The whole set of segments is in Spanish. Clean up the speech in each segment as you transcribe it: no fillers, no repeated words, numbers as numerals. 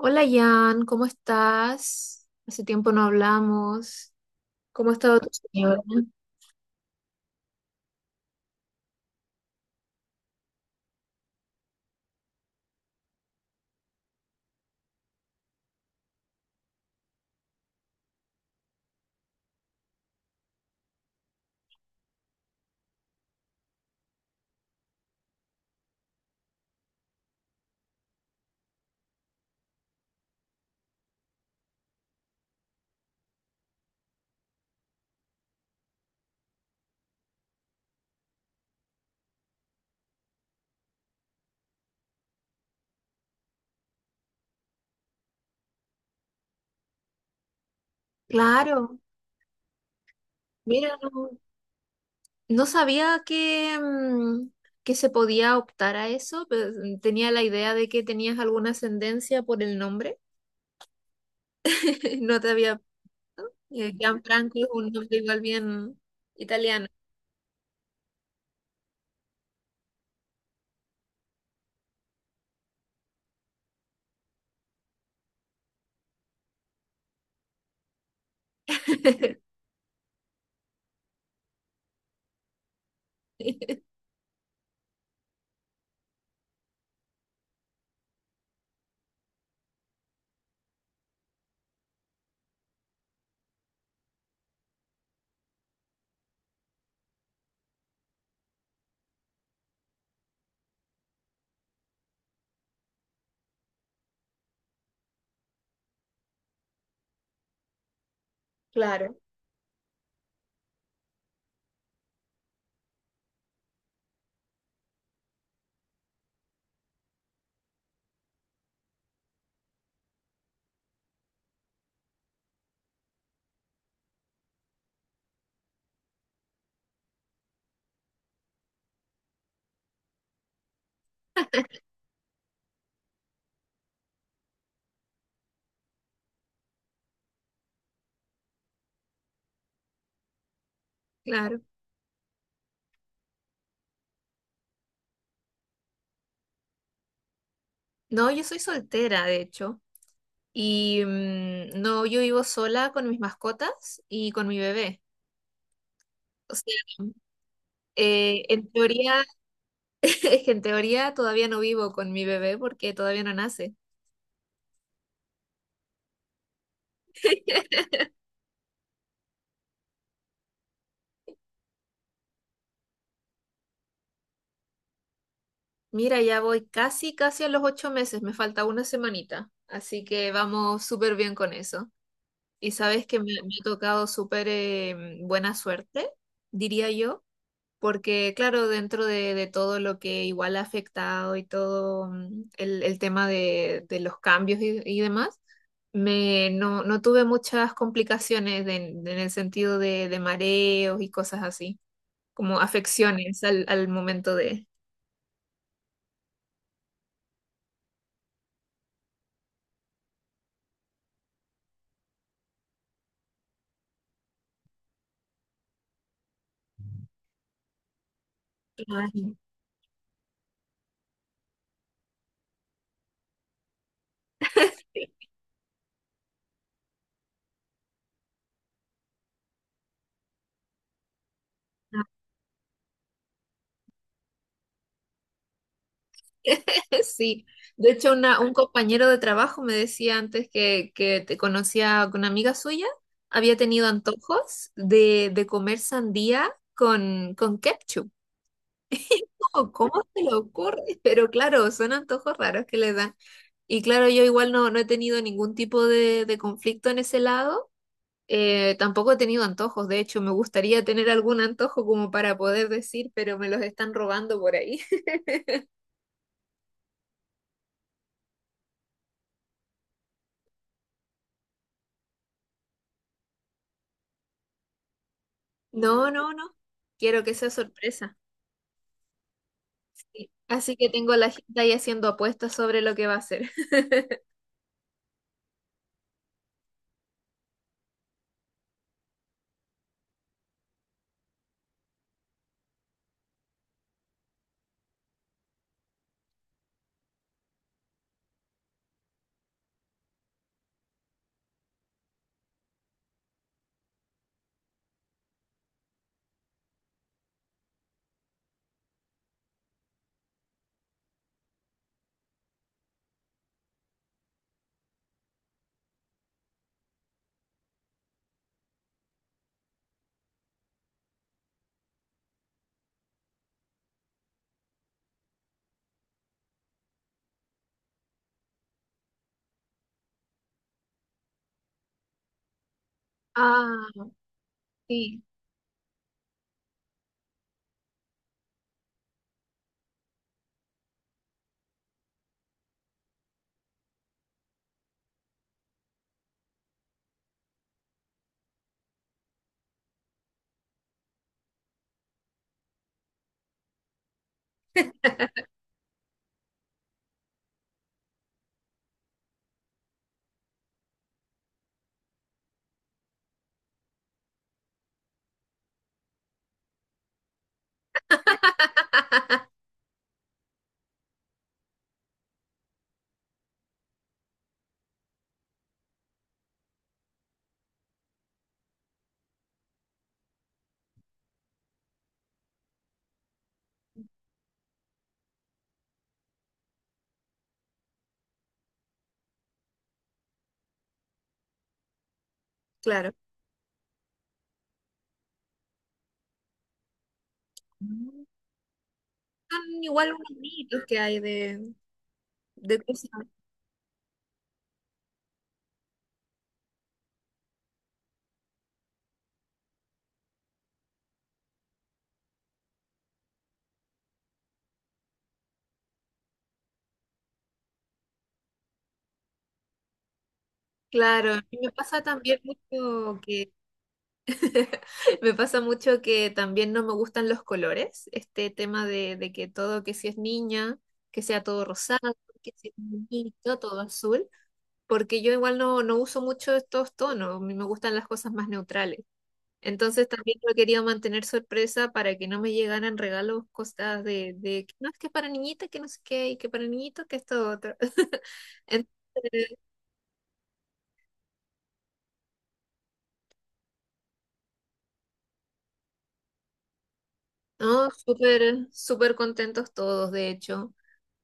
Hola Jan, ¿cómo estás? Hace tiempo no hablamos. ¿Cómo ha estado tu señora? Claro, mira, no, no sabía que que se podía optar a eso, pero tenía la idea de que tenías alguna ascendencia por el nombre. No te había visto. Gianfranco es un nombre igual bien italiano. Claro, claro. No, yo soy soltera, de hecho. Y no, yo vivo sola con mis mascotas y con mi bebé. O sea, en teoría, es que en teoría todavía no vivo con mi bebé porque todavía no nace. Mira, ya voy casi a los 8 meses, me falta una semanita, así que vamos súper bien con eso. Y sabes que me ha tocado súper buena suerte, diría yo. Porque, claro, dentro de todo lo que igual ha afectado y todo el tema de los cambios y demás, no tuve muchas complicaciones de- en el sentido de mareos y cosas así, como afecciones al momento de... Ay. Sí, de hecho un compañero de trabajo me decía antes que te conocía con una amiga suya, había tenido antojos de comer sandía con ketchup. Oh, ¿cómo se le ocurre? Pero claro, son antojos raros que le dan. Y claro, yo igual no he tenido ningún tipo de conflicto en ese lado. Tampoco he tenido antojos. De hecho, me gustaría tener algún antojo como para poder decir, pero me los están robando por ahí. No, no, no. Quiero que sea sorpresa. Sí. Así que tengo a la gente ahí haciendo apuestas sobre lo que va a hacer. Ah, sí, claro. Son igual unos mitos que hay de cosas. Claro, a mí me pasa también mucho que me pasa mucho que también no me gustan los colores, este tema de que todo, que si es niña, que sea todo rosado, que si es niñito, todo azul, porque yo igual no uso mucho estos tonos, a mí me gustan las cosas más neutrales. Entonces también yo quería mantener sorpresa para que no me llegaran regalos, cosas de que no es que es para niñita, que no sé qué, y que para niñito, que esto otro. Entonces, no, súper, súper contentos todos, de hecho.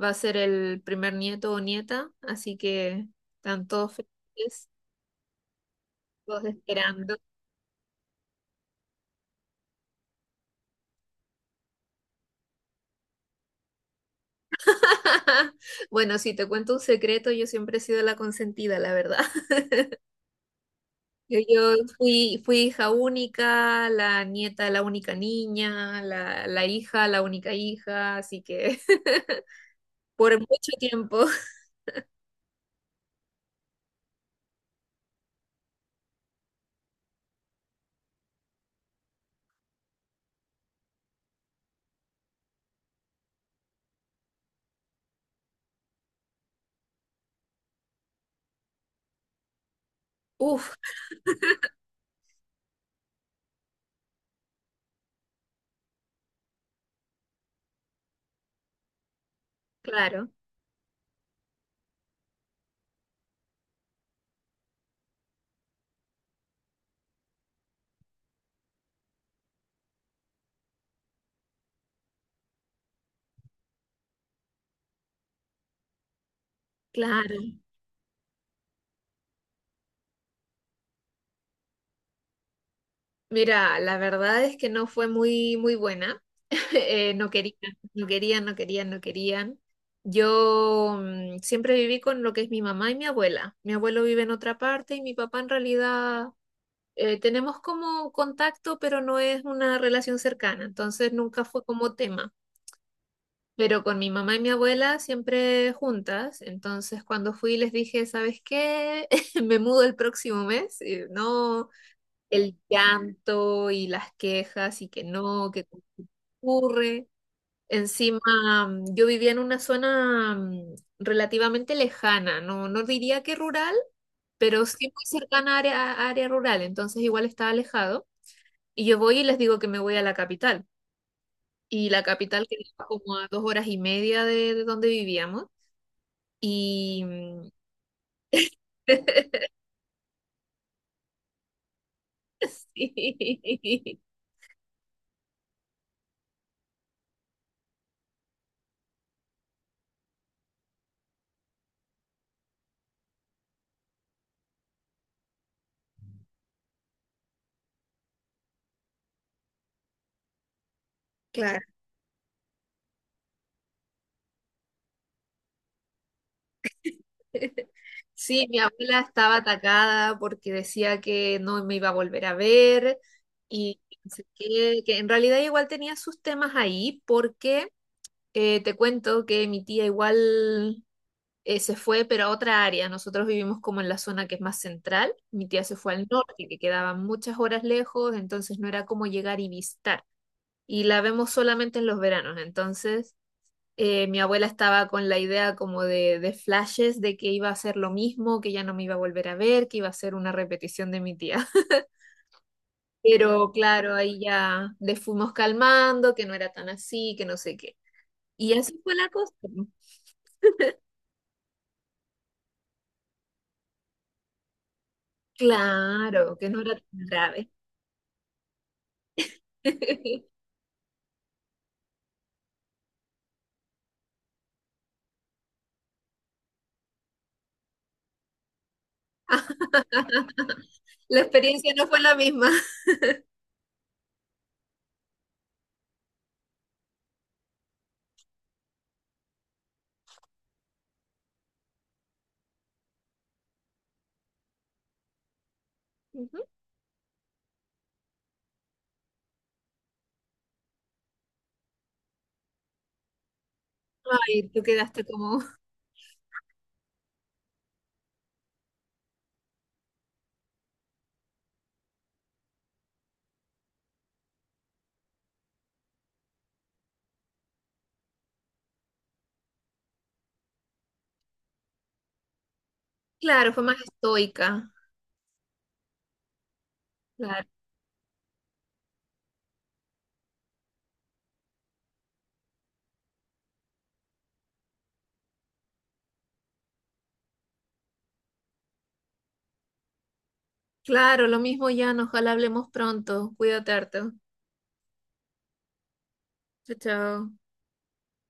Va a ser el primer nieto o nieta, así que están todos felices, todos esperando. Bueno, si te cuento un secreto, yo siempre he sido la consentida, la verdad. Fui hija única, la nieta, la única niña, la hija, la única hija, así que por mucho tiempo. Uf, claro, claro. Mira, la verdad es que no fue muy buena. No querían, no querían, no querían, no querían. Yo siempre viví con lo que es mi mamá y mi abuela. Mi abuelo vive en otra parte y mi papá en realidad tenemos como contacto, pero no es una relación cercana. Entonces nunca fue como tema. Pero con mi mamá y mi abuela siempre juntas. Entonces cuando fui les dije, ¿sabes qué? Me mudo el próximo mes. Y no, el llanto y las quejas y que no, que ocurre. Encima, yo vivía en una zona relativamente lejana, no, no diría que rural, pero sí muy cercana a a área rural, entonces igual estaba alejado. Y yo voy y les digo que me voy a la capital. Y la capital quedaba como a 2 horas y media de donde vivíamos. Y mm, sí, claro. Sí, mi abuela estaba atacada porque decía que no me iba a volver a ver y no sé qué, que en realidad igual tenía sus temas ahí porque te cuento que mi tía igual se fue pero a otra área. Nosotros vivimos como en la zona que es más central. Mi tía se fue al norte, que quedaban muchas horas lejos, entonces no era como llegar y visitar. Y la vemos solamente en los veranos, entonces mi abuela estaba con la idea como de flashes de que iba a ser lo mismo, que ya no me iba a volver a ver, que iba a ser una repetición de mi tía. Pero claro, ahí ya le fuimos calmando, que no era tan así, que no sé qué. Y así fue la cosa. Claro, que no era tan grave. La experiencia no fue la misma. Ujú. Ay, tú quedaste como... Claro, fue más estoica. Claro, claro, lo mismo, Jan. Ojalá hablemos pronto. Cuídate harto. Chao, chao.